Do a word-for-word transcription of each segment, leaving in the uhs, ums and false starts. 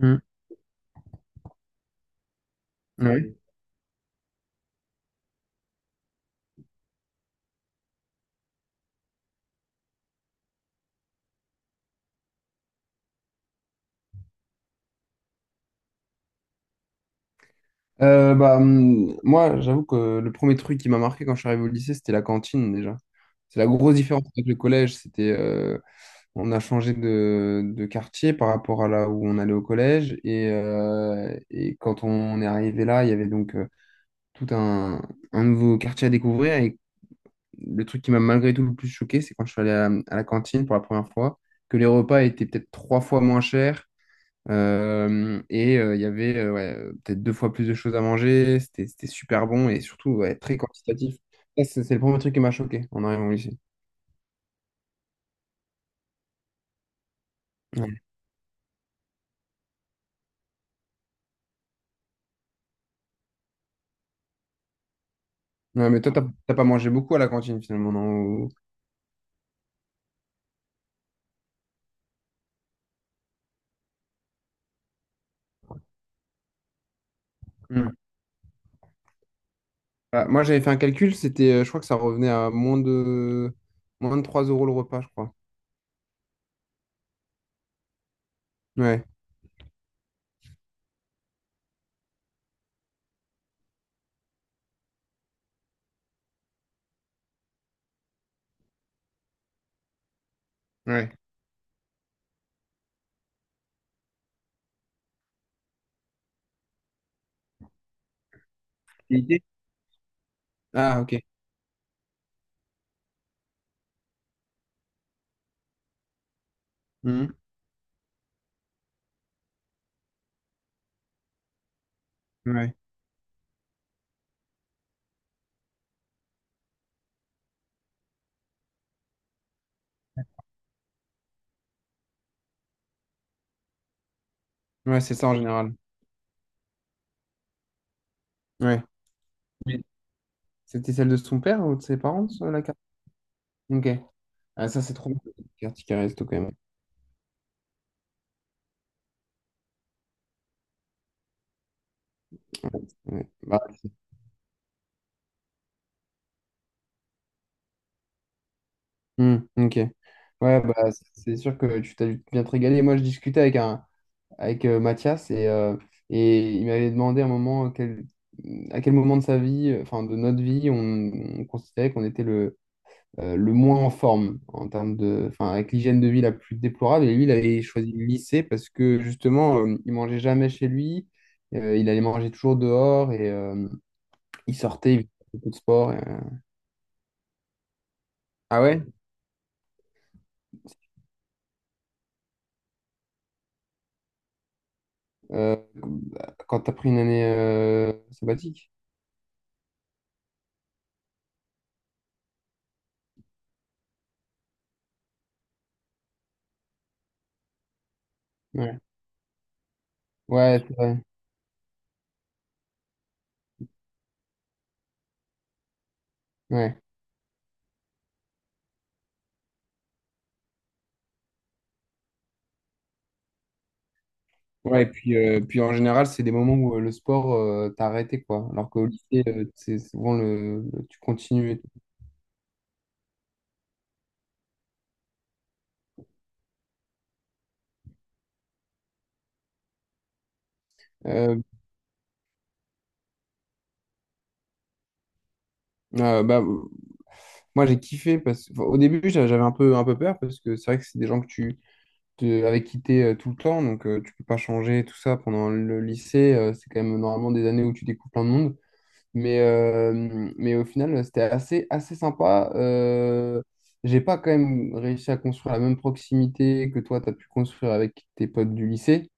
Mm. Ouais. Euh, bah, hum, moi, j'avoue que le premier truc qui m'a marqué quand je suis arrivé au lycée, c'était la cantine déjà. C'est la grosse différence avec le collège. C'était, euh, on a changé de, de quartier par rapport à là où on allait au collège. Et, euh, et quand on est arrivé là, il y avait donc euh, tout un, un nouveau quartier à découvrir. Et le truc qui m'a malgré tout le plus choqué, c'est quand je suis allé à, à la cantine pour la première fois, que les repas étaient peut-être trois fois moins chers. Euh, et euh, il y avait euh, ouais, euh, peut-être deux fois plus de choses à manger. C'était, c'était super bon et surtout ouais, très quantitatif. Ça, C'est c'est le premier truc qui m'a choqué en arrivant au lycée. Ouais. Ouais, mais toi, t'as t'as pas mangé beaucoup à la cantine finalement, non? ou- Hmm. Ah, moi, j'avais fait un calcul, c'était, euh, je crois que ça revenait à moins de, moins de trois euros le repas, je crois. Ouais. Ouais. L'idée? Ah, ok. Hmm. Ouais. Ouais, c'est ça en général. Ouais. Mais c'était celle de son père ou de ses parents, ça, la carte? Ok. Ah, ça, c'est trop bien, la carte qui resto quand même. Ouais. Bah, hmm, ok. Ouais, bah, c- c'est sûr que tu t'as dû bien te régaler. Moi, je discutais avec, un, avec euh, Mathias et, euh, et il m'avait demandé à un moment quel- à quel moment de sa vie, euh, enfin de notre vie, on, on considérait qu'on était le, euh, le moins en forme en termes de, enfin, avec l'hygiène de vie la plus déplorable. Et lui, il avait choisi le lycée parce que justement, euh, il mangeait jamais chez lui, euh, il allait manger toujours dehors et euh, il sortait, il faisait beaucoup de sport et, euh, Ah ouais? Euh, quand t'as pris une année euh, sabbatique. Ouais, ouais, c'est vrai. Ouais. Ouais, et puis, euh, puis en général, c'est des moments où euh, le sport, euh, t'as arrêté, quoi. Alors qu'au lycée, euh, c'est souvent le, le- tu continues et tout. Euh, euh, bah, euh, Moi, j'ai kiffé parce que, enfin, au début, j'a- j'avais un peu, un peu peur parce que c'est vrai que c'est des gens que tu, te- avec qui t'es euh, tout le temps, donc euh, tu peux pas changer tout ça pendant le lycée. Euh, c'est quand même normalement des années où tu découvres plein de monde. Mais, euh, mais au final, c'était assez, assez sympa. Euh, j'ai pas quand même réussi à construire la même proximité que toi, tu as pu construire avec tes potes du lycée.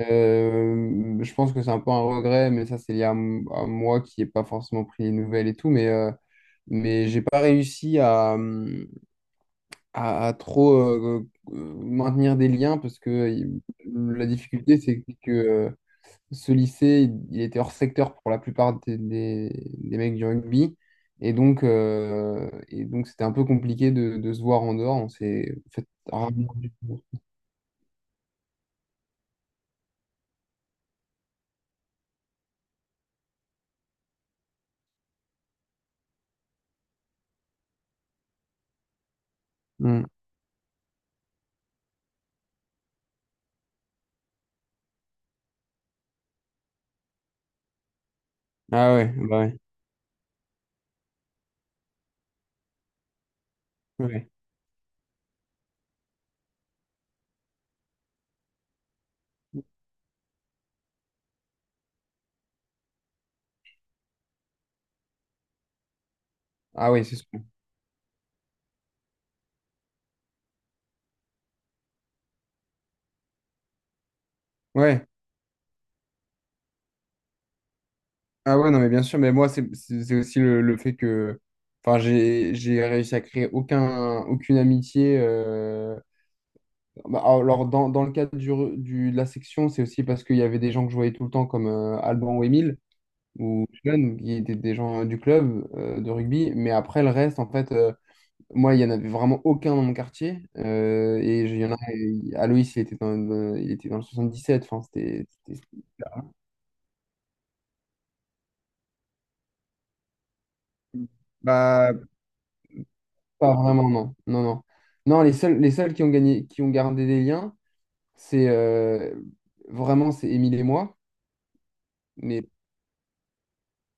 Euh, je pense que c'est un peu un regret, mais ça, c'est lié à, m- à moi qui n'ai pas forcément pris les nouvelles et tout. Mais, euh, mais j'ai pas réussi à, hum, à, à trop euh, euh, maintenir des liens parce que euh, la difficulté, c'est que euh, ce lycée, il il était hors secteur pour la plupart des, des- des mecs du rugby. Et donc, euh, et donc c'était un peu compliqué de, de se voir en dehors. On s'est en fait rarement vu. Hmm. Ah ouais, bah ouais. Ouais. Ah ouais, c'est sûr. Ouais. Ah ouais, non, mais bien sûr. Mais moi, c'est c'est- c'est aussi le, le fait que. Enfin, j'ai j'ai réussi à créer aucun, aucune amitié. euh, bah, Alors, dans, dans le cadre du, re- du- de la section, c'est aussi parce qu'il y avait des gens que je voyais tout le temps, comme euh, Alban ou Émile, ou jeunes qui étaient des gens euh, du club euh, de rugby. Mais après, le reste, en fait, euh, moi, il n'y en avait vraiment aucun dans mon quartier. Euh, et je- il y en a, Aloïs, il était dans, dans- il était dans le soixante-dix-sept. Enfin, c'était c'était- c'était. Bah, pas vraiment, non. Non, non. Non, les seuls, les seuls qui ont gagné, qui ont gardé des liens, c'est euh, vraiment, c'est Émile et moi.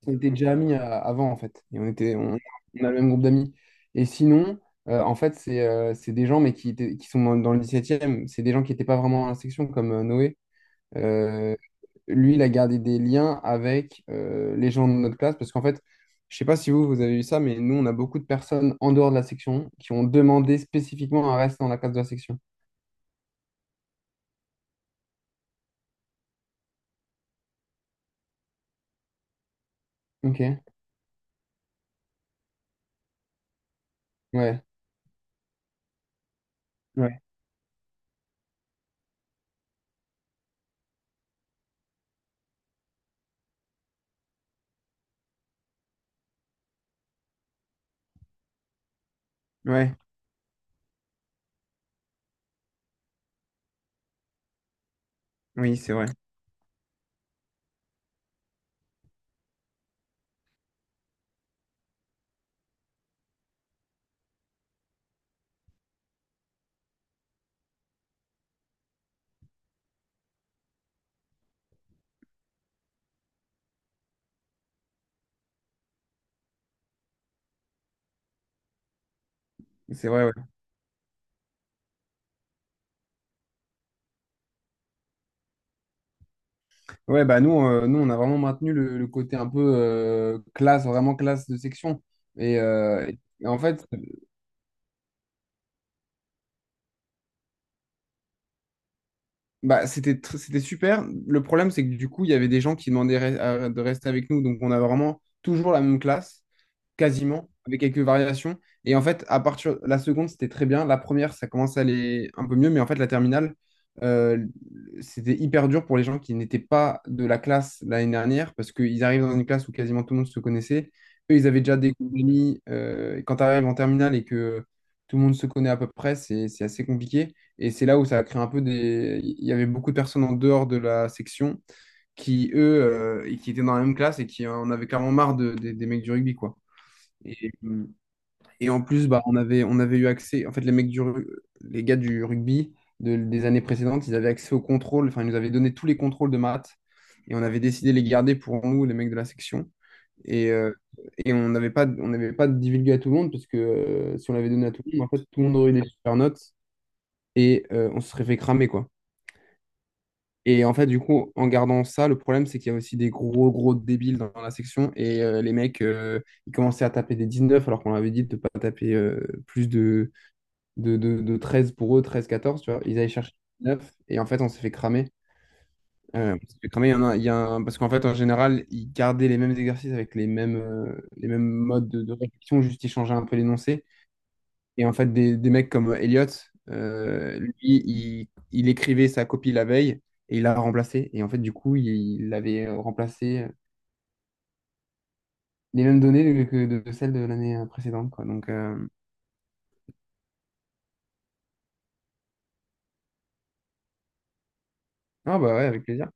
On était déjà amis euh, avant, en fait. Et on était, on, on a le même groupe d'amis. Et sinon, euh, en fait, c'est euh, c'est des gens, mais qui, étaient- qui sont dans, dans le dix-septième. C'est des gens qui n'étaient pas vraiment à la section, comme euh, Noé. Euh, Lui, il a gardé des liens avec euh, les gens de notre classe, parce qu'en fait, je sais pas si vous, vous avez eu ça, mais nous, on a beaucoup de personnes en dehors de la section qui ont demandé spécifiquement à rester dans la classe de la section. Ok. Ouais. Ouais. Ouais. Oui, c'est vrai. C'est vrai, ouais. Ouais, bah nous, euh, nous, on a vraiment maintenu le, le côté un peu euh, classe, vraiment classe de section. Et, euh, et en fait, bah, c'était tr- c'était super. Le problème, c'est que du coup, il y avait des gens qui demandaient re- à- de rester avec nous. Donc, on a vraiment toujours la même classe, quasiment, avec quelques variations. Et en fait, à partir la seconde, c'était très bien. La première, ça commence à aller un peu mieux, mais en fait, la terminale, euh, c'était hyper dur pour les gens qui n'étaient pas de la classe l'année dernière, parce qu'ils arrivent dans une classe où quasiment tout le monde se connaissait. Eux, ils avaient déjà des amis. Euh, et quand tu arrives en terminale et que tout le monde se connaît à peu près, c'est c'est assez compliqué. Et c'est là où ça a créé un peu des... Il y avait beaucoup de personnes en dehors de la section qui, eux, euh, qui étaient dans la même classe et qui en avaient clairement marre de- des des mecs du rugby, quoi. Et, et en plus, bah, on avait, on avait eu accès, en fait, les mecs du, ru- les gars du rugby de- des années précédentes, ils avaient accès aux contrôles, enfin, ils nous avaient donné tous les contrôles de maths et on avait décidé de les garder pour nous, les mecs de la section. Et, euh, et on n'avait pas, on n'avait pas divulgué à tout le monde parce que euh, si on l'avait donné à tout le monde, en fait, tout le monde aurait eu des super notes et euh, on se serait fait cramer, quoi. Et en fait, du coup, en gardant ça, le problème, c'est qu'il y a aussi des gros, gros débiles dans la section. Et euh, les mecs, euh, ils commençaient à taper des dix-neuf, alors qu'on avait dit de ne pas taper euh, plus de, de, de, de treize pour eux, treize quatorze, tu vois. Ils allaient chercher dix-neuf, et en fait, on s'est fait cramer. Euh, on s'est fait cramer, il y en a, il y a un- parce qu'en fait, en général, ils gardaient les mêmes exercices avec les mêmes, euh, les mêmes modes de, de réflexion, juste ils changeaient un peu l'énoncé. Et en fait, des, des mecs comme Elliot, euh, lui, il, il écrivait sa copie la veille et il l'a remplacée. Et en fait, du coup, il, il avait remplacé les mêmes données que de, de celles de l'année précédente, quoi. Donc, euh, ah bah ouais, avec plaisir.